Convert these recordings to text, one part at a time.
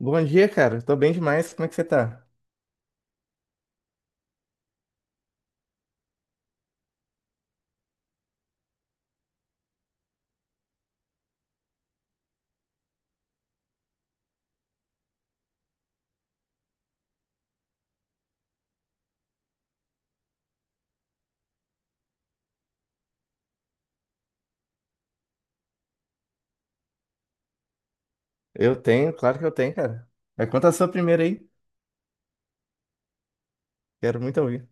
Bom dia, cara. Tô bem demais. Como é que você tá? Eu tenho, claro que eu tenho, cara. Mas conta a sua primeira aí. Quero muito ouvir.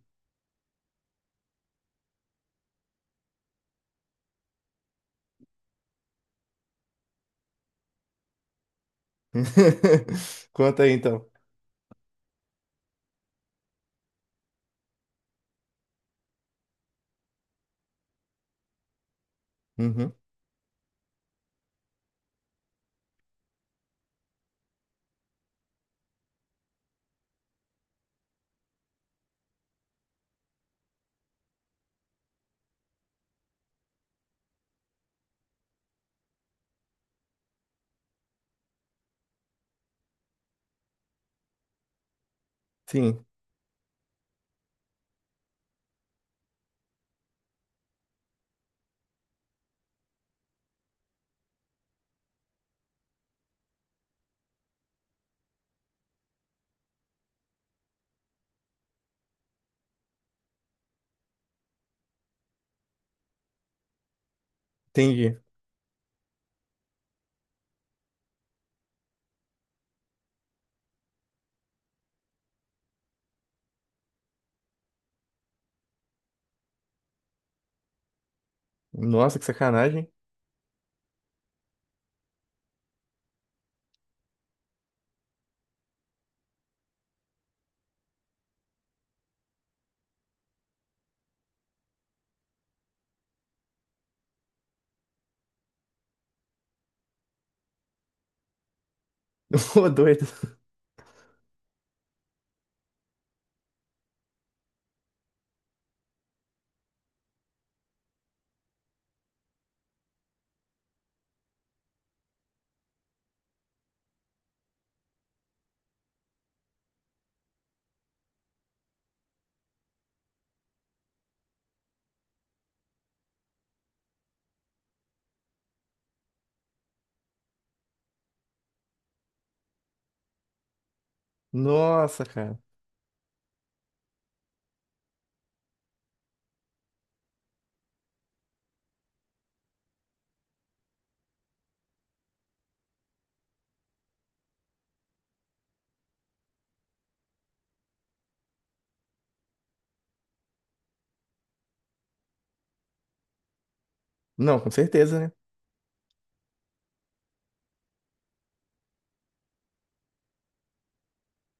Conta aí, então. Uhum. Sim, entendi. Nossa, que sacanagem. Ô, doido. Nossa, cara. Não, com certeza, né?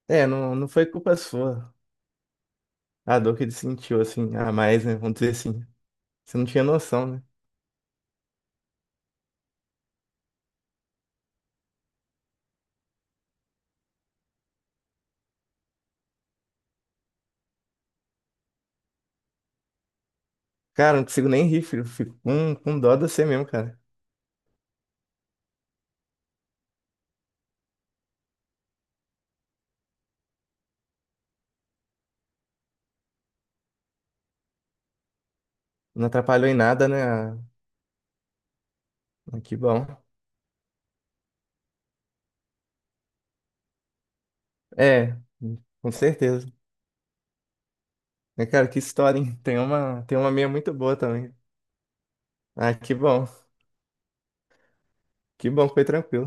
É, não, não foi culpa sua. A dor que ele sentiu, assim, a mais, né? Vamos dizer assim. Você não tinha noção, né? Cara, não consigo nem rir, filho. Fico com dó de você mesmo, cara. Não atrapalhou em nada, né? Ah, que bom. É, com certeza. Né, cara, que história, hein? Tem uma minha muito boa também. Ah, que bom. Que bom que foi tranquilo.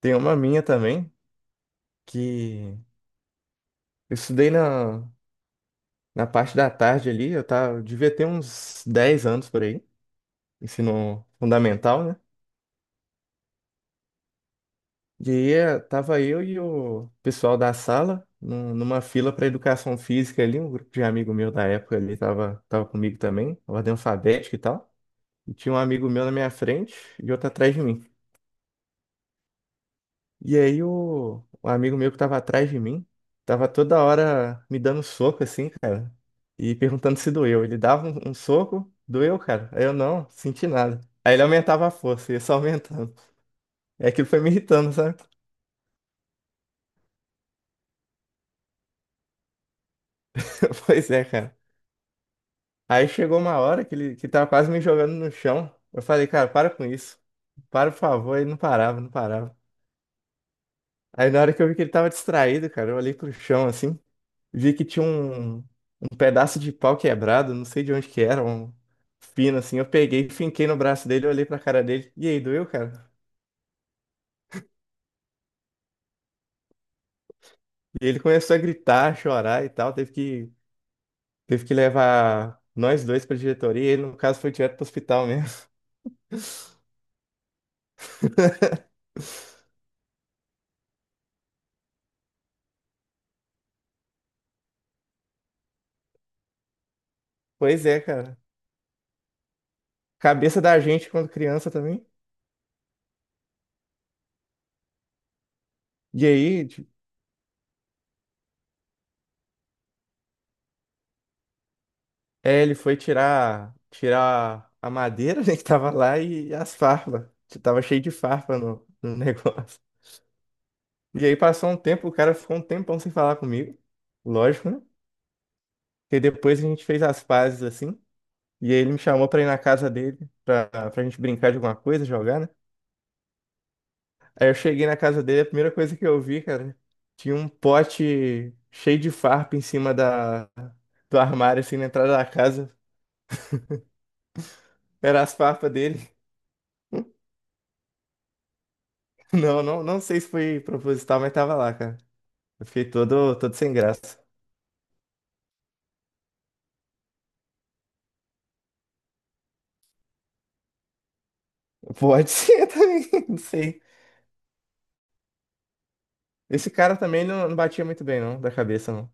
Tem uma minha também, que eu estudei na parte da tarde ali, eu tava, eu devia ter uns 10 anos por aí, ensino fundamental, né? E aí tava eu e o pessoal da sala numa fila para educação física ali, um grupo de amigo meu da época ali tava comigo também, ordem alfabética e tal. E tinha um amigo meu na minha frente e outro atrás de mim. E aí o amigo meu que tava atrás de mim, tava toda hora me dando soco assim, cara, e perguntando se doeu. Ele dava um soco, doeu, cara. Aí eu não, senti nada. Aí ele aumentava a força, ia só aumentando. É, aquilo foi me irritando, sabe? Pois é, cara. Aí chegou uma hora que ele que tava quase me jogando no chão. Eu falei, cara, para com isso. Para, por favor. Ele não parava, não parava. Aí na hora que eu vi que ele tava distraído, cara, eu olhei pro chão assim, vi que tinha um pedaço de pau quebrado, não sei de onde que era, um fino assim. Eu peguei, finquei no braço dele, olhei pra cara dele. E aí, doeu, cara? E ele começou a gritar, a chorar e tal. Teve que levar nós dois pra diretoria. E ele, no caso, foi direto pro hospital mesmo. Pois é, cara. Cabeça da gente quando criança também. E aí, ti- ele foi tirar a madeira, né, que tava lá e as farpas. Tava cheio de farpa no negócio. E aí passou um tempo, o cara ficou um tempão sem falar comigo. Lógico, né? E depois a gente fez as pazes assim. E aí ele me chamou pra ir na casa dele, pra gente brincar de alguma coisa, jogar, né? Aí eu cheguei na casa dele, a primeira coisa que eu vi, cara, tinha um pote cheio de farpa em cima da, do armário, assim, na entrada da casa. Era as farpas dele. Não, não, não sei se foi proposital, mas tava lá, cara. Eu fiquei todo sem graça. Pode ser também, não sei. Esse cara também não, não batia muito bem, não, da cabeça, não.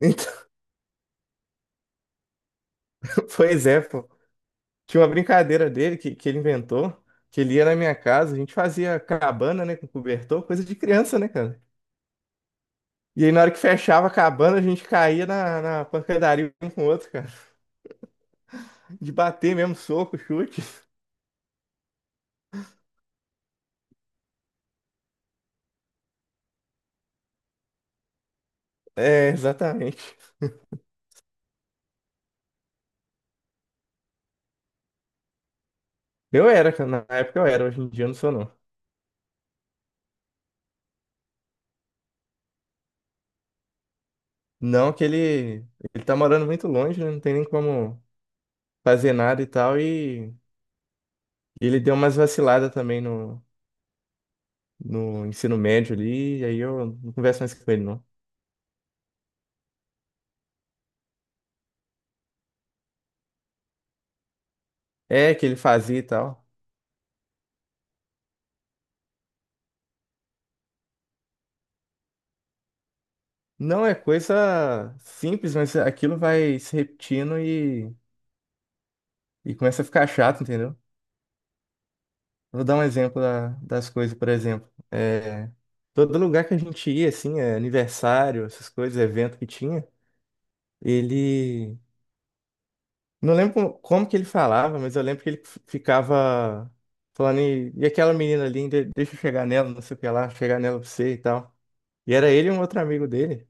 Então, pois é, pô. Tinha uma brincadeira dele que ele inventou, que ele ia na minha casa, a gente fazia cabana, né, com cobertor, coisa de criança, né, cara? E aí na hora que fechava a cabana, a gente caía na pancadaria um com o outro, cara. De bater mesmo, soco, chute. É, exatamente. Eu era, cara, na época eu era, hoje em dia eu não sou não. Não que ele tá morando muito longe, né, não tem nem como fazer nada e tal, e ele deu umas vaciladas também no ensino médio ali, e aí eu não converso mais com ele, não. É, que ele fazia e tal. Não é coisa simples, mas aquilo vai se repetindo e começa a ficar chato, entendeu? Vou dar um exemplo das coisas, por exemplo. É, todo lugar que a gente ia, assim, é, aniversário, essas coisas, evento que tinha, ele. Não lembro como, como que ele falava, mas eu lembro que ele ficava falando, e aquela menina ali, deixa eu chegar nela, não sei o que lá, chegar nela pra você e tal. E era ele e um outro amigo dele.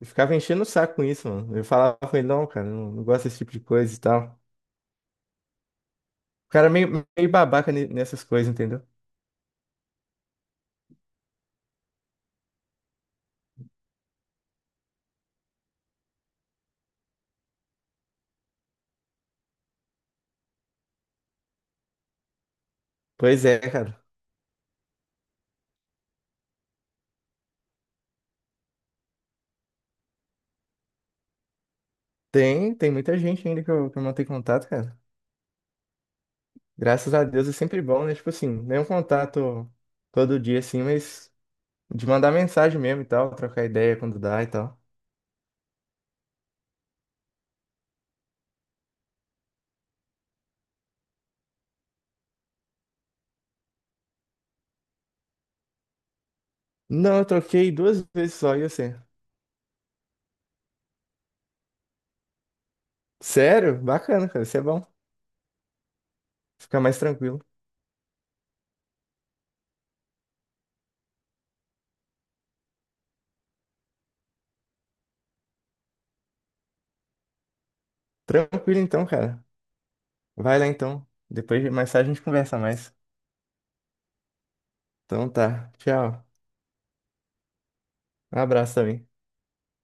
Eu ficava enchendo o saco com isso, mano. Eu falava com ele, não, cara, não, não gosto desse tipo de coisa e tal. O cara é meio, meio babaca nessas coisas, entendeu? Pois é, cara. Tem muita gente ainda que que eu mantenho contato, cara. Graças a Deus é sempre bom, né? Tipo assim, nem um contato todo dia, assim, mas de mandar mensagem mesmo e tal, trocar ideia quando dá e tal. Não, eu troquei 2 vezes só, e você? Sério? Bacana, cara. Isso é bom. Fica mais tranquilo. Tranquilo então, cara. Vai lá então. Depois mais tarde a gente conversa mais. Então tá. Tchau. Um abraço também.